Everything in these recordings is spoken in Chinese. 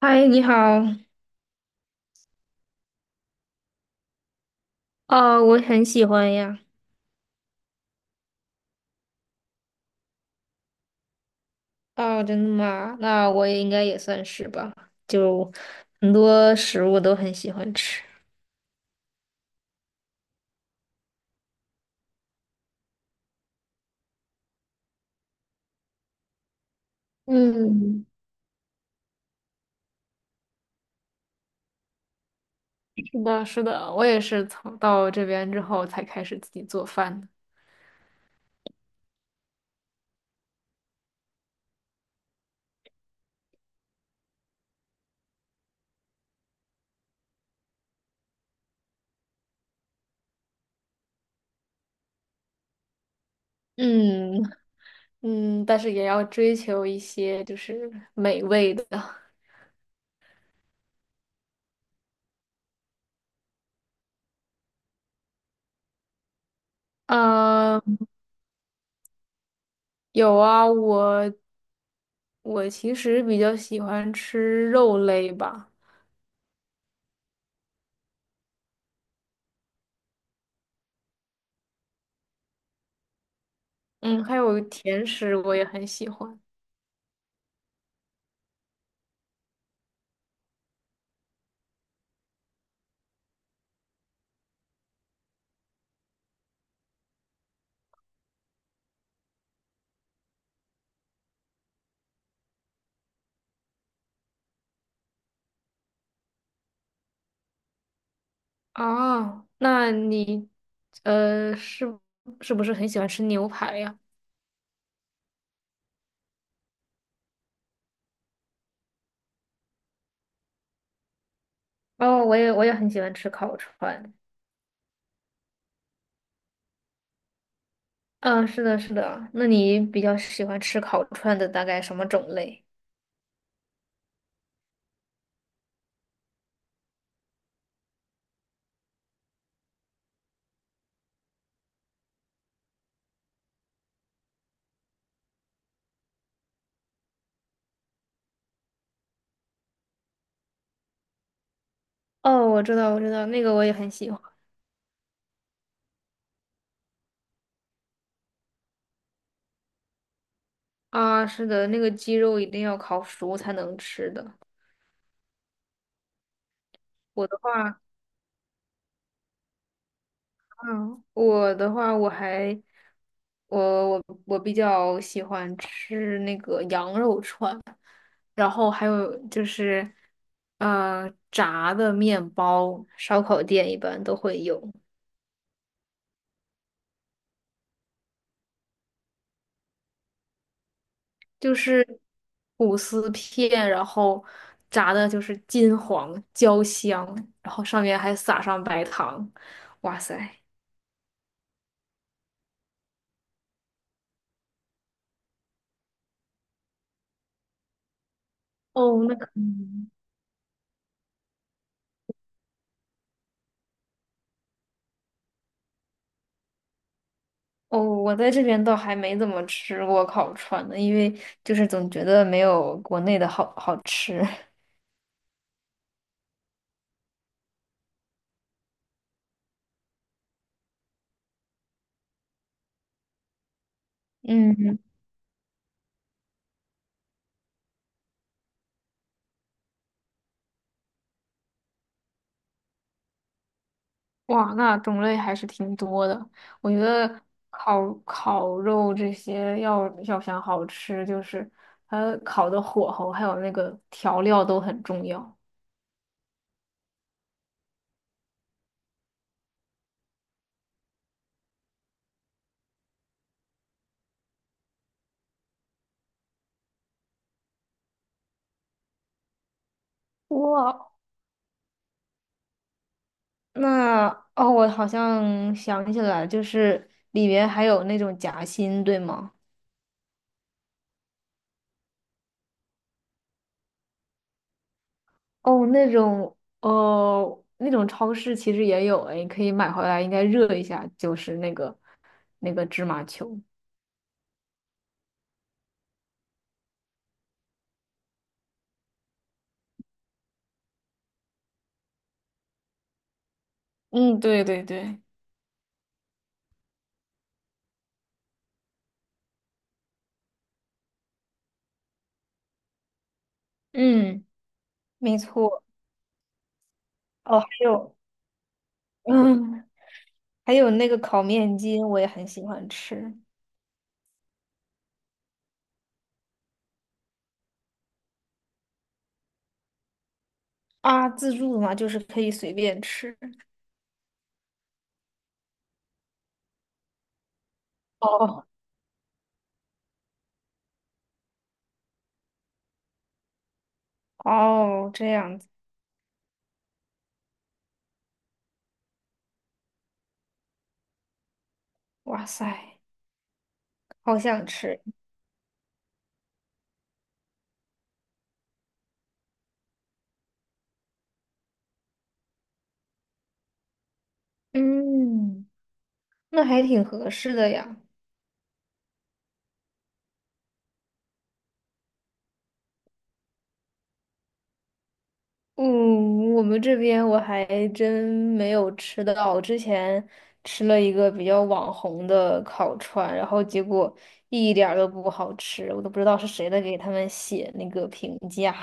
嗨，你好。哦，我很喜欢呀。哦，真的吗？那我也应该也算是吧，就很多食物都很喜欢吃。嗯，是的，是的，我也是从到这边之后才开始自己做饭的。嗯，嗯，但是也要追求一些就是美味的。嗯，有啊，我其实比较喜欢吃肉类吧。嗯，还有甜食我也很喜欢。哦，那你呃是是不是很喜欢吃牛排呀？哦，我也很喜欢吃烤串。嗯，是的，是的。那你比较喜欢吃烤串的大概什么种类？哦，我知道，我知道，那个我也很喜欢。啊，是的，那个鸡肉一定要烤熟才能吃的。我的话，嗯，我的话，我还，我比较喜欢吃那个羊肉串。然后还有就是，炸的面包，烧烤店一般都会有，就是吐司片，然后炸的就是金黄焦香，然后上面还撒上白糖，哇塞！哦，那可能哦，我在这边倒还没怎么吃过烤串呢，因为就是总觉得没有国内的好好吃。嗯。哇，那种类还是挺多的。我觉得烤肉这些要想好吃，就是它烤的火候还有那个调料都很重要。哇，那哦，我好像想起来，就是里面还有那种夹心，对吗？哦，那种哦，那种超市其实也有，哎，你可以买回来，应该热一下，就是那个芝麻球。嗯，对对对，嗯，没错。哦，还有，嗯，还有那个烤面筋，我也很喜欢吃啊。自助嘛，就是可以随便吃。哦哦，这样子，哇塞，好想吃。嗯，那还挺合适的呀。嗯，我们这边我还真没有吃到。我之前吃了一个比较网红的烤串，然后结果一点儿都不好吃，我都不知道是谁在给他们写那个评价。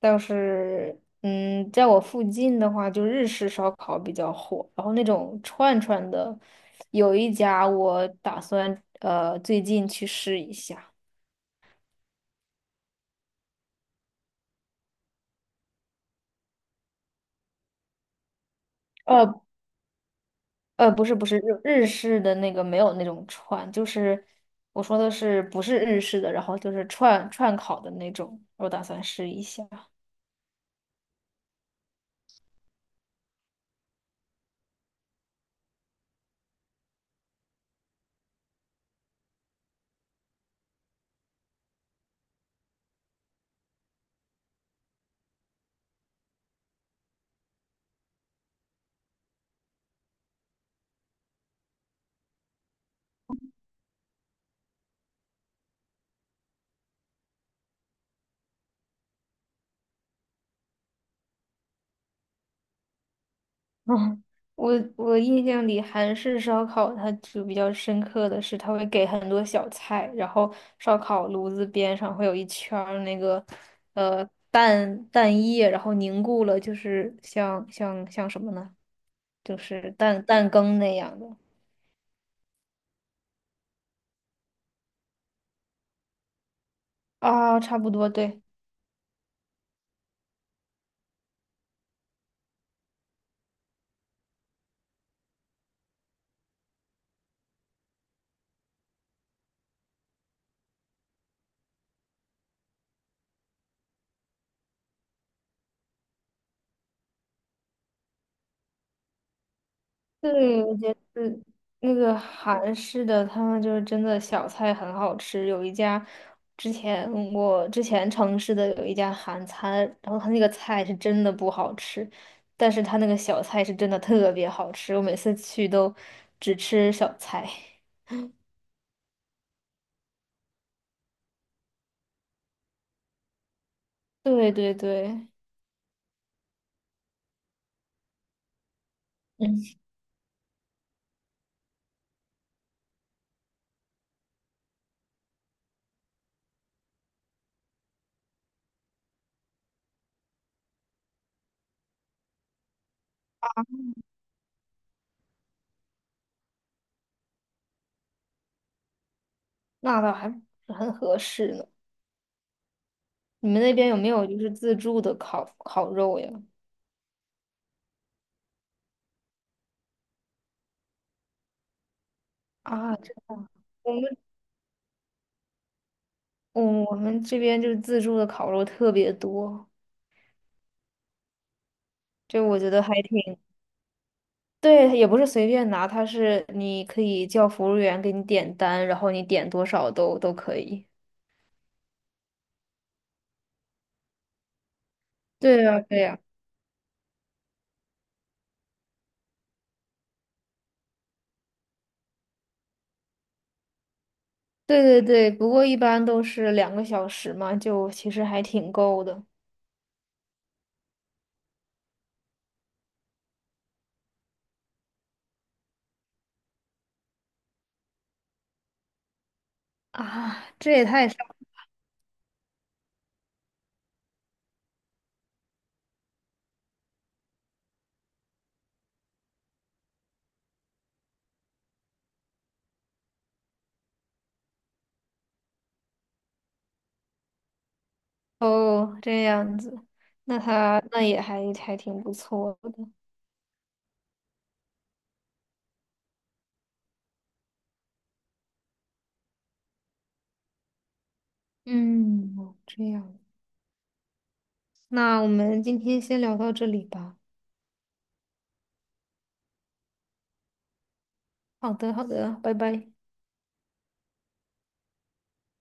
倒是，嗯，在我附近的话，就日式烧烤比较火，然后那种串串的，有一家我打算最近去试一下。呃不是不是日式的那个没有那种串，就是我说的是不是日式的，然后就是串串烤的那种，我打算试一下。嗯，我我印象里韩式烧烤，它就比较深刻的是，它会给很多小菜，然后烧烤炉子边上会有一圈儿那个呃蛋液，然后凝固了，就是像什么呢？就是蛋羹那样的啊，差不多，对。对，我觉得那个韩式的，他们就是真的小菜很好吃。有一家之前城市的有一家韩餐，然后他那个菜是真的不好吃，但是他那个小菜是真的特别好吃。我每次去都只吃小菜。对对对，嗯，那倒还不是很合适呢。你们那边有没有就是自助的烤肉呀？啊，这我们我我们这边就是自助的烤肉特别多。就我觉得还挺，对，也不是随便拿，它是你可以叫服务员给你点单，然后你点多少都可以。对呀，对呀，对对对，不过一般都是两个小时嘛，就其实还挺够的啊。这也太少哦，这样子，那他那也还挺不错的。嗯，哦这样，那我们今天先聊到这里吧。好的，好的，拜拜。